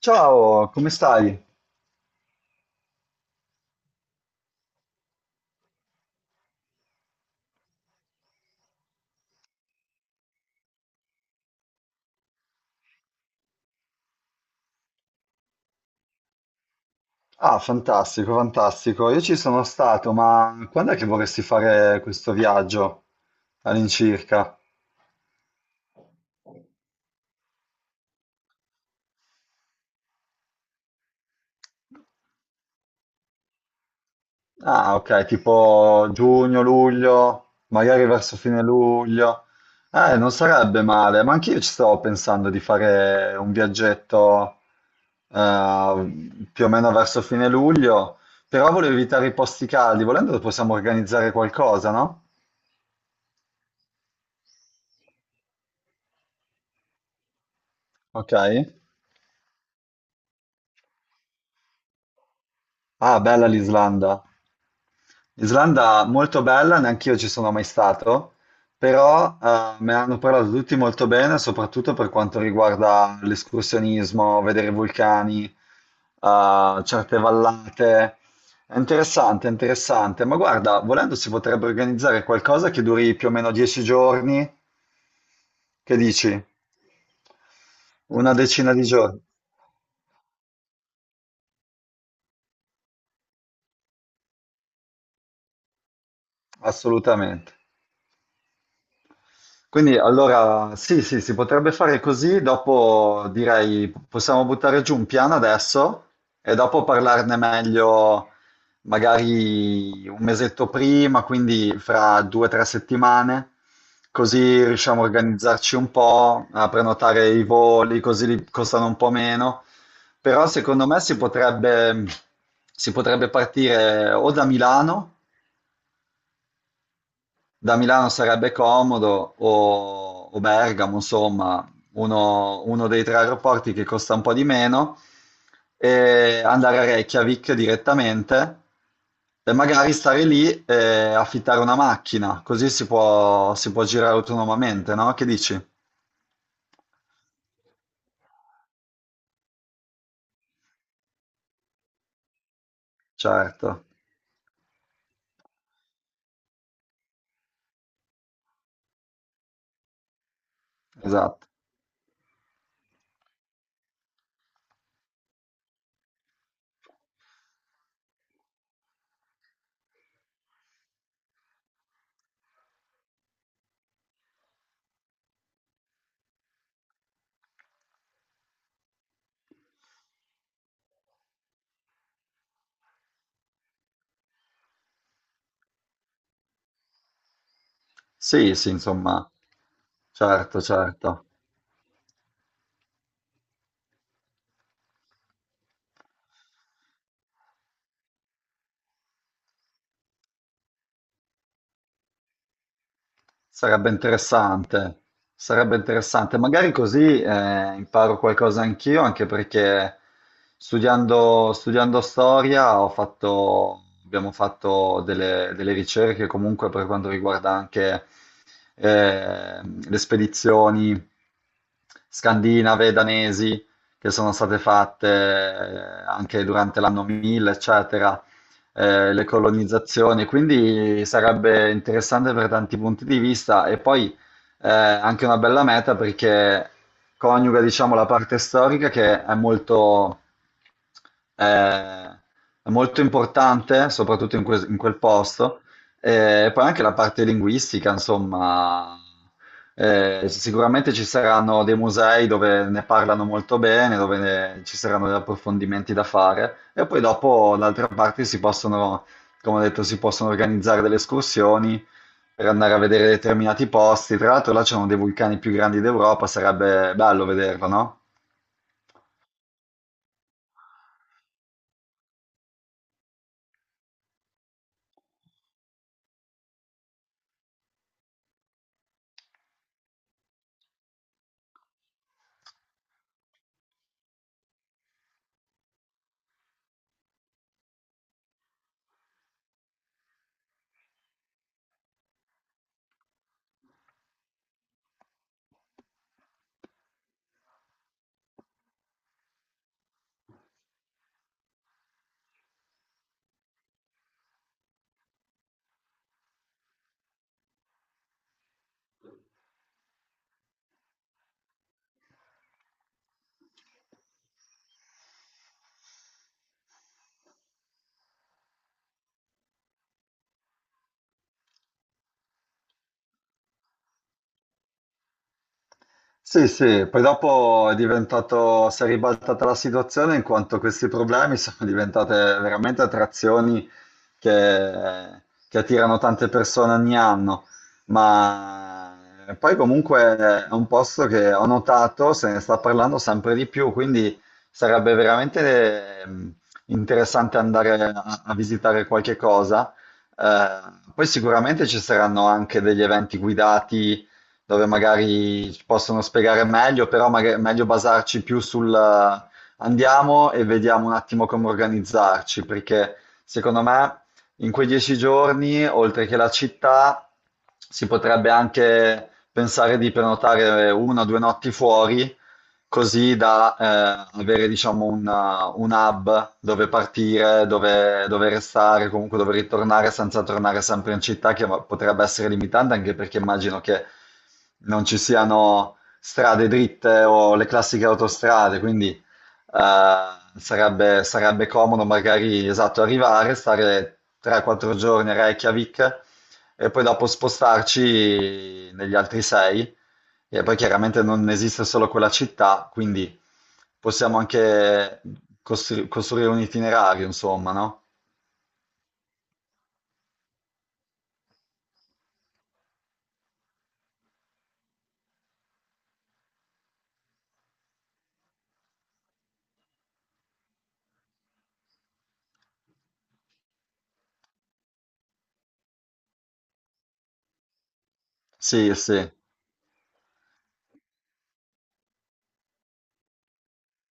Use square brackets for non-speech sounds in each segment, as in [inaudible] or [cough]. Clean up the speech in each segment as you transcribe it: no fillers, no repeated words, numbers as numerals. Ciao, come stai? Ah, fantastico, fantastico. Io ci sono stato, ma quando è che vorresti fare questo viaggio all'incirca? Ah, ok, tipo giugno, luglio, magari verso fine luglio. Non sarebbe male, ma anch'io ci stavo pensando di fare un viaggetto più o meno verso fine luglio, però volevo evitare i posti caldi, volendo possiamo organizzare qualcosa, no? Ok. Ah, bella l'Islanda. Islanda molto bella, neanch'io ci sono mai stato, però me ne hanno parlato tutti molto bene, soprattutto per quanto riguarda l'escursionismo, vedere i vulcani, certe vallate. È interessante, è interessante. Ma guarda, volendo si potrebbe organizzare qualcosa che duri più o meno 10 giorni. Che dici? Una decina di giorni. Assolutamente. Quindi allora sì, sì, si potrebbe fare così, dopo direi possiamo buttare giù un piano adesso e dopo parlarne meglio magari un mesetto prima, quindi fra due o tre settimane, così riusciamo a organizzarci un po', a prenotare i voli, costano un po' meno. Però secondo me si potrebbe partire o da Milano, da Milano sarebbe comodo o Bergamo, insomma, uno dei tre aeroporti che costa un po' di meno, e andare a Reykjavik direttamente e magari stare lì e affittare una macchina, così si può girare autonomamente, no? Che dici? Certo, esatto. Sì, sì, insomma, certo, certo. Sarebbe interessante, sarebbe interessante. Magari così imparo qualcosa anch'io, anche perché studiando storia abbiamo fatto delle ricerche comunque per quanto riguarda anche le spedizioni scandinave, danesi, che sono state fatte anche durante l'anno 1000, eccetera, le colonizzazioni, quindi sarebbe interessante per tanti punti di vista e poi anche una bella meta perché coniuga, diciamo, la parte storica che eh, è molto importante, soprattutto in quel posto, e poi anche la parte linguistica, insomma, sicuramente ci saranno dei musei dove ne parlano molto bene, ci saranno degli approfondimenti da fare e poi dopo d'altra parte si possono, come ho detto, si possono organizzare delle escursioni per andare a vedere determinati posti. Tra l'altro là c'è uno dei vulcani più grandi d'Europa, sarebbe bello vederlo, no? Sì, sì, poi dopo è diventato, si è ribaltata la situazione in quanto questi problemi sono diventate veramente attrazioni che, che attirano tante persone ogni anno, ma poi comunque è un posto che ho notato se ne sta parlando sempre di più, quindi sarebbe veramente interessante andare a visitare qualche cosa. Eh, poi sicuramente ci saranno anche degli eventi guidati dove magari ci possono spiegare meglio, però magari è meglio basarci più sul andiamo e vediamo un attimo come organizzarci, perché secondo me in quei 10 giorni, oltre che la città, si potrebbe anche pensare di prenotare una o due notti fuori così da avere, diciamo, un hub dove partire, dove restare, comunque dove ritornare senza tornare sempre in città, che potrebbe essere limitante anche perché immagino che non ci siano strade dritte o le classiche autostrade, quindi sarebbe comodo magari, esatto, arrivare, stare 3-4 giorni a Reykjavik e poi dopo spostarci negli altri 6 e poi chiaramente non esiste solo quella città, quindi possiamo anche costruire un itinerario, insomma, no? Sì, sì,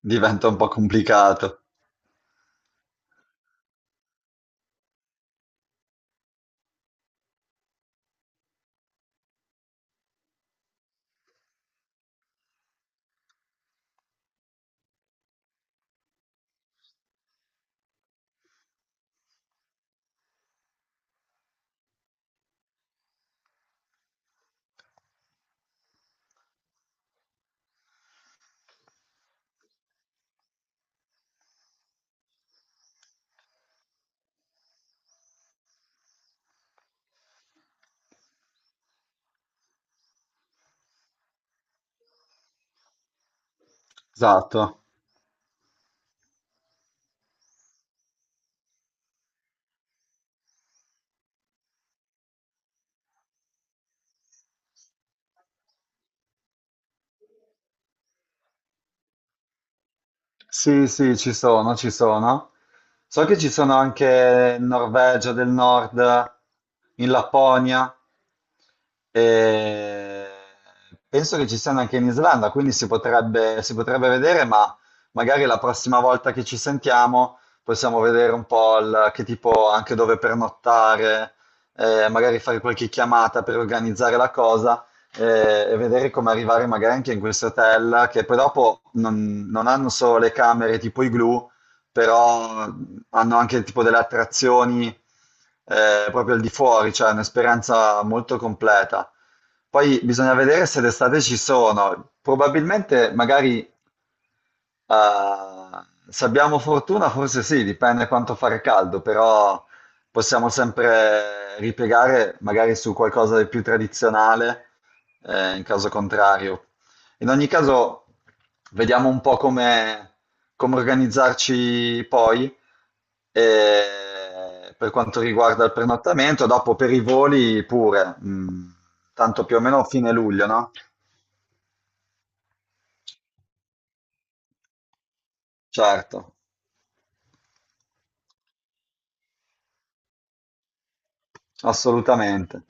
diventa un po' complicato. Esatto. Sì, sì, ci sono, ci sono. So che ci sono anche in Norvegia del Nord, in Lapponia e penso che ci siano anche in Islanda, quindi si potrebbe vedere, ma magari la prossima volta che ci sentiamo possiamo vedere un po' che tipo anche dove pernottare, magari fare qualche chiamata per organizzare la cosa e vedere come arrivare magari anche in queste hotel che poi dopo non hanno solo le camere tipo i glue, però hanno anche tipo delle attrazioni proprio al di fuori, cioè è un'esperienza molto completa. Poi bisogna vedere se d'estate ci sono. Probabilmente magari ah, se abbiamo fortuna, forse sì, dipende quanto fare caldo, però possiamo sempre ripiegare magari su qualcosa di più tradizionale, in caso contrario. In ogni caso, vediamo un po' come, come organizzarci poi, per quanto riguarda il prenottamento, dopo per i voli pure, mm, tanto più o meno fine luglio, no? Certo. Assolutamente.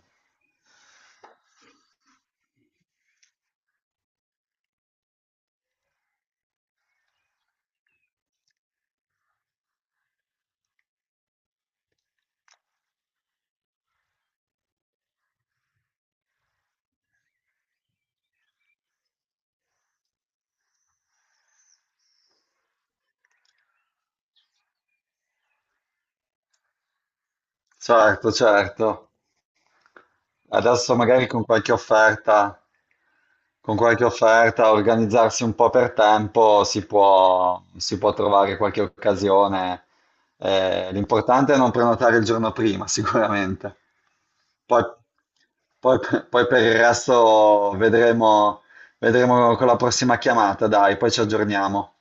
Certo, certo. Adesso magari con qualche offerta, organizzarsi un po' per tempo, si può trovare qualche occasione. L'importante è non prenotare il giorno prima, [laughs] sicuramente. Poi, poi- poi per il resto vedremo, vedremo con la prossima chiamata, dai, poi ci aggiorniamo.